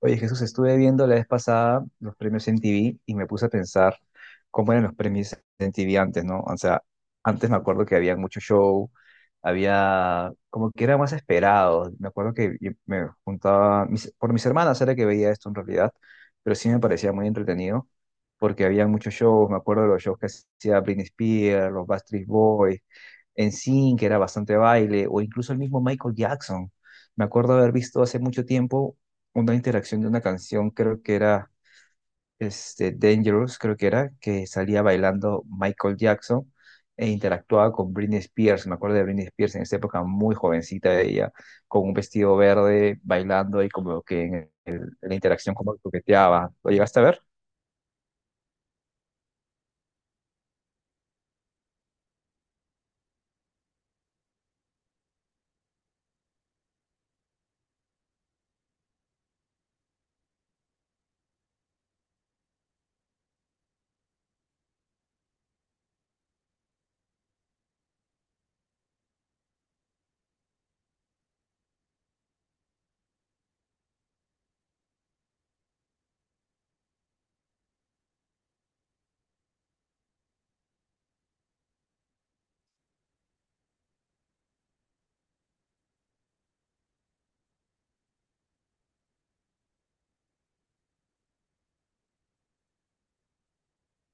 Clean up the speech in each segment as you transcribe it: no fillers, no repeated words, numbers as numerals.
Oye, Jesús, estuve viendo la vez pasada los premios MTV y me puse a pensar cómo eran los premios MTV antes, ¿no? O sea, antes me acuerdo que había mucho show, había como que era más esperado. Me acuerdo que yo me juntaba, por mis hermanas era que veía esto en realidad, pero sí me parecía muy entretenido porque había muchos shows. Me acuerdo de los shows que hacía Britney Spears, los Backstreet Boys, NSYNC, que era bastante baile, o incluso el mismo Michael Jackson. Me acuerdo haber visto hace mucho tiempo una interacción de una canción, creo que era Dangerous, creo que era, que salía bailando Michael Jackson e interactuaba con Britney Spears. Me acuerdo de Britney Spears en esa época, muy jovencita ella, con un vestido verde, bailando y como que en la interacción como que coqueteaba. ¿Lo llegaste a ver?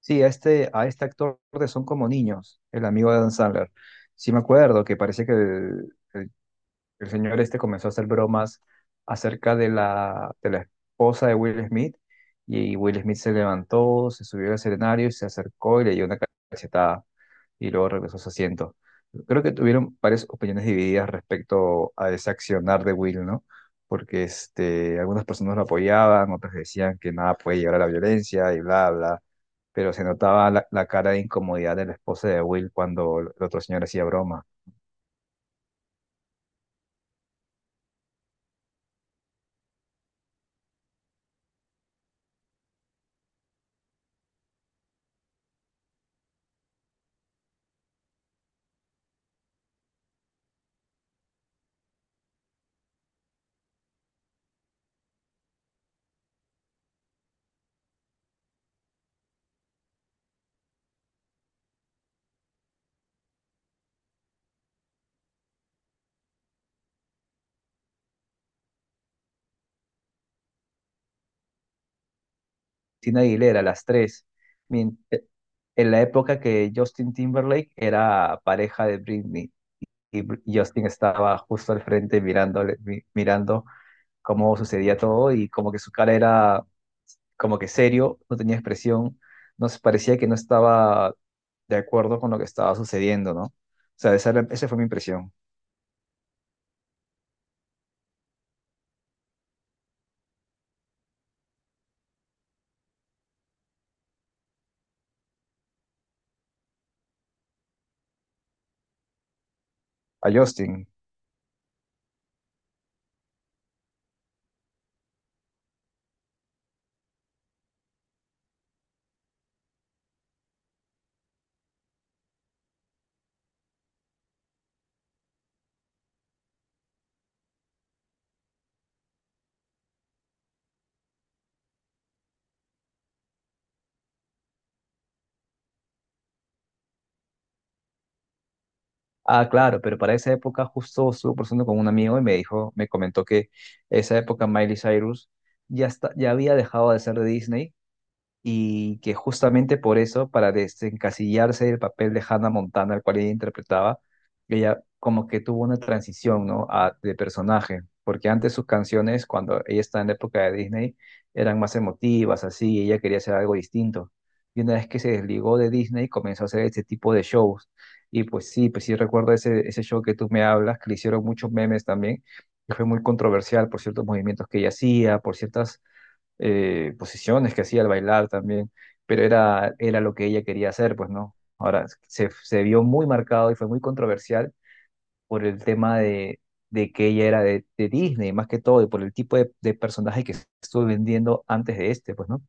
Sí, a este actor de Son como niños, el amigo de Dan Sandler. Sí me acuerdo que parece que el señor este comenzó a hacer bromas acerca de la esposa de Will Smith y Will Smith se levantó, se subió al escenario y se acercó y le dio una cachetada y luego regresó a su asiento. Creo que tuvieron varias opiniones divididas respecto a ese accionar de Will, ¿no? Porque algunas personas lo apoyaban, otras decían que nada puede llegar a la violencia y bla, bla. Pero se notaba la cara de incomodidad de la esposa de Will cuando el otro señor hacía broma. Cristina Aguilera, las tres. Mien- eh, En la época que Justin Timberlake era pareja de Britney y Justin estaba justo al frente mirándole, mirando cómo sucedía todo y como que su cara era como que serio, no tenía expresión, no se parecía que no estaba de acuerdo con lo que estaba sucediendo, ¿no? O sea, esa fue mi impresión. A Justin. Ah, claro, pero para esa época justo estuve conversando con un amigo y me dijo, me comentó que esa época Miley Cyrus ya había dejado de ser de Disney y que justamente por eso, para desencasillarse del papel de Hannah Montana, al cual ella interpretaba, ella como que tuvo una transición, ¿no? De personaje, porque antes sus canciones, cuando ella estaba en la época de Disney, eran más emotivas, así, y ella quería hacer algo distinto. Y una vez que se desligó de Disney, comenzó a hacer este tipo de shows. Y pues sí recuerdo ese show que tú me hablas, que le hicieron muchos memes también, que fue muy controversial por ciertos movimientos que ella hacía, por ciertas posiciones que hacía al bailar también, pero era lo que ella quería hacer, pues no. Ahora, se vio muy marcado y fue muy controversial por el tema de que ella era de Disney, más que todo, y por el tipo de personaje que estuvo vendiendo antes de este, pues no.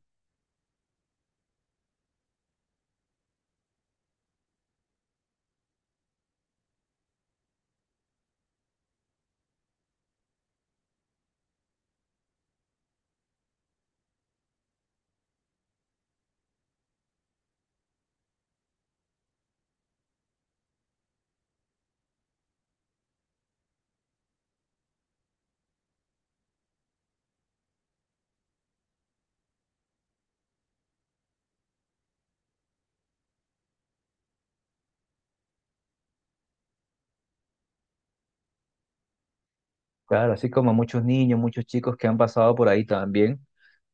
Claro, así como muchos niños, muchos chicos que han pasado por ahí también,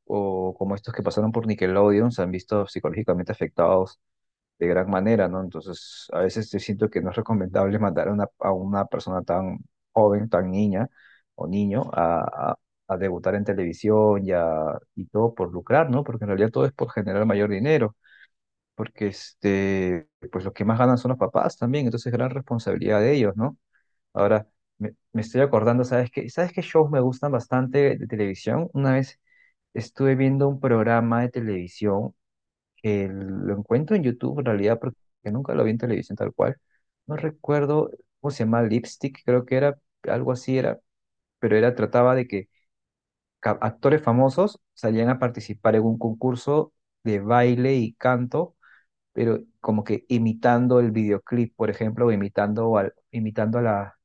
o como estos que pasaron por Nickelodeon, se han visto psicológicamente afectados de gran manera, ¿no? Entonces, a veces yo siento que no es recomendable mandar a una persona tan joven, tan niña o niño a debutar en televisión y todo por lucrar, ¿no? Porque en realidad todo es por generar mayor dinero, porque pues los que más ganan son los papás también, entonces gran responsabilidad de ellos, ¿no? Ahora, me estoy acordando, ¿sabes qué? ¿Sabes qué shows me gustan bastante de televisión? Una vez estuve viendo un programa de televisión que lo encuentro en YouTube en realidad porque nunca lo vi en televisión tal cual. No recuerdo cómo se llama, Lipstick, creo que era algo así era, pero era trataba de que actores famosos salían a participar en un concurso de baile y canto, pero como que imitando el videoclip, por ejemplo, o imitando a la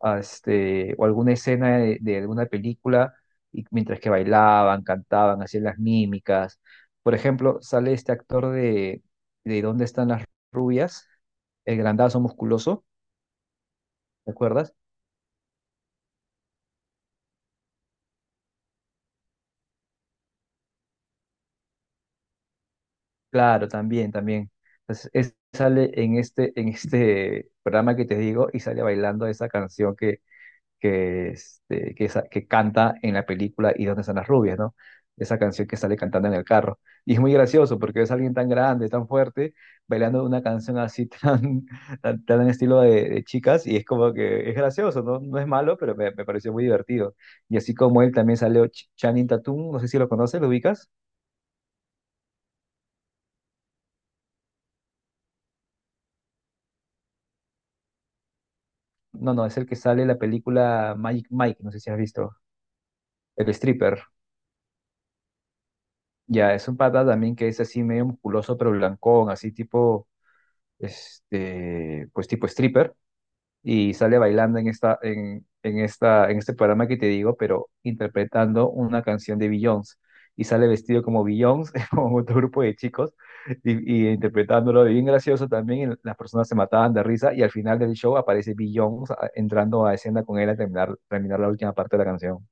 o alguna escena de alguna película, y mientras que bailaban, cantaban, hacían las mímicas. Por ejemplo, sale este actor de ¿Dónde están las rubias? El grandazo musculoso, ¿te acuerdas? Claro, también, también. Entonces, sale en este programa que te digo y sale bailando esa canción que, este, que, sa- que canta en la película ¿Y dónde están las rubias, ¿no? Esa canción que sale cantando en el carro. Y es muy gracioso porque es alguien tan grande, tan fuerte, bailando una canción así tan en estilo de chicas y es como que es gracioso, ¿no? No es malo, pero me pareció muy divertido. Y así como él también salió Channing Tatum, no sé si lo conoces, ¿lo ubicas? No, no, es el que sale en la película Magic Mike, no sé si has visto, el stripper. Ya, es un pata también que es así medio musculoso, pero blancón, así tipo pues tipo stripper, y sale bailando en este programa que te digo, pero interpretando una canción de Beyoncé. Y sale vestido como Beyoncé, como otro grupo de chicos, y interpretándolo y bien gracioso también. Y las personas se mataban de risa, y al final del show aparece Beyoncé entrando a escena con él a terminar la última parte de la canción.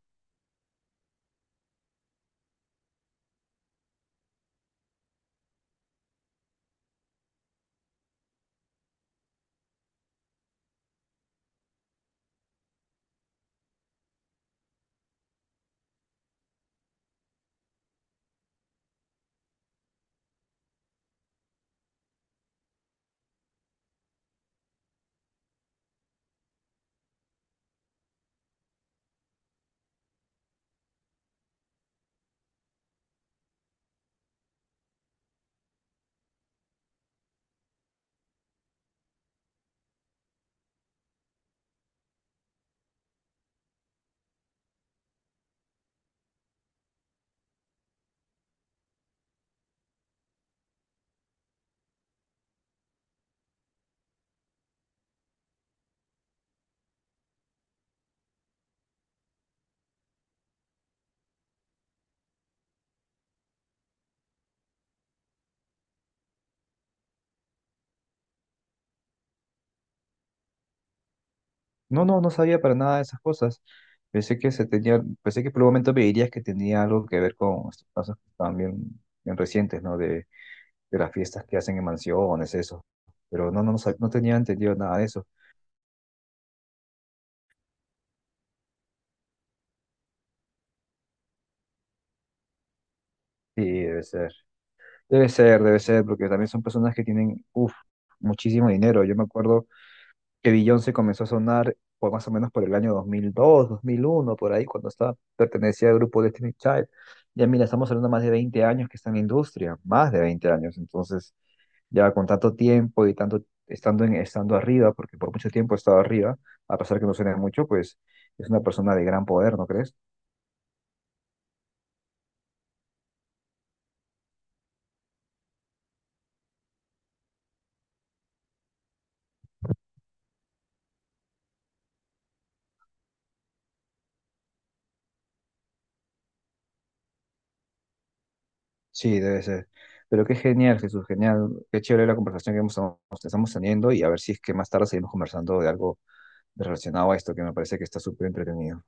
No, no, no sabía para nada de esas cosas. Pensé que por un momento me dirías que tenía algo que ver con estos casos también bien recientes, ¿no? De las fiestas que hacen en mansiones, eso. Pero no, no, no, no tenía entendido nada de eso. Sí, debe ser. Debe ser, debe ser, porque también son personas que tienen, uff, muchísimo dinero. Yo me acuerdo que Beyoncé comenzó a sonar por más o menos por el año dos mil dos dos mil mil uno por ahí, cuando pertenecía al grupo Destiny Child. Ya mira, estamos hablando más de 20 años que está en la industria, más de 20 años. Entonces, ya con tanto tiempo y tanto estando arriba, porque por mucho tiempo he estado arriba, a pesar que no suene mucho, pues es una persona de gran poder, ¿no crees? Sí, debe ser. Pero qué genial, Jesús, genial. Qué chévere la conversación que que estamos teniendo y a ver si es que más tarde seguimos conversando de algo relacionado a esto, que me parece que está súper entretenido.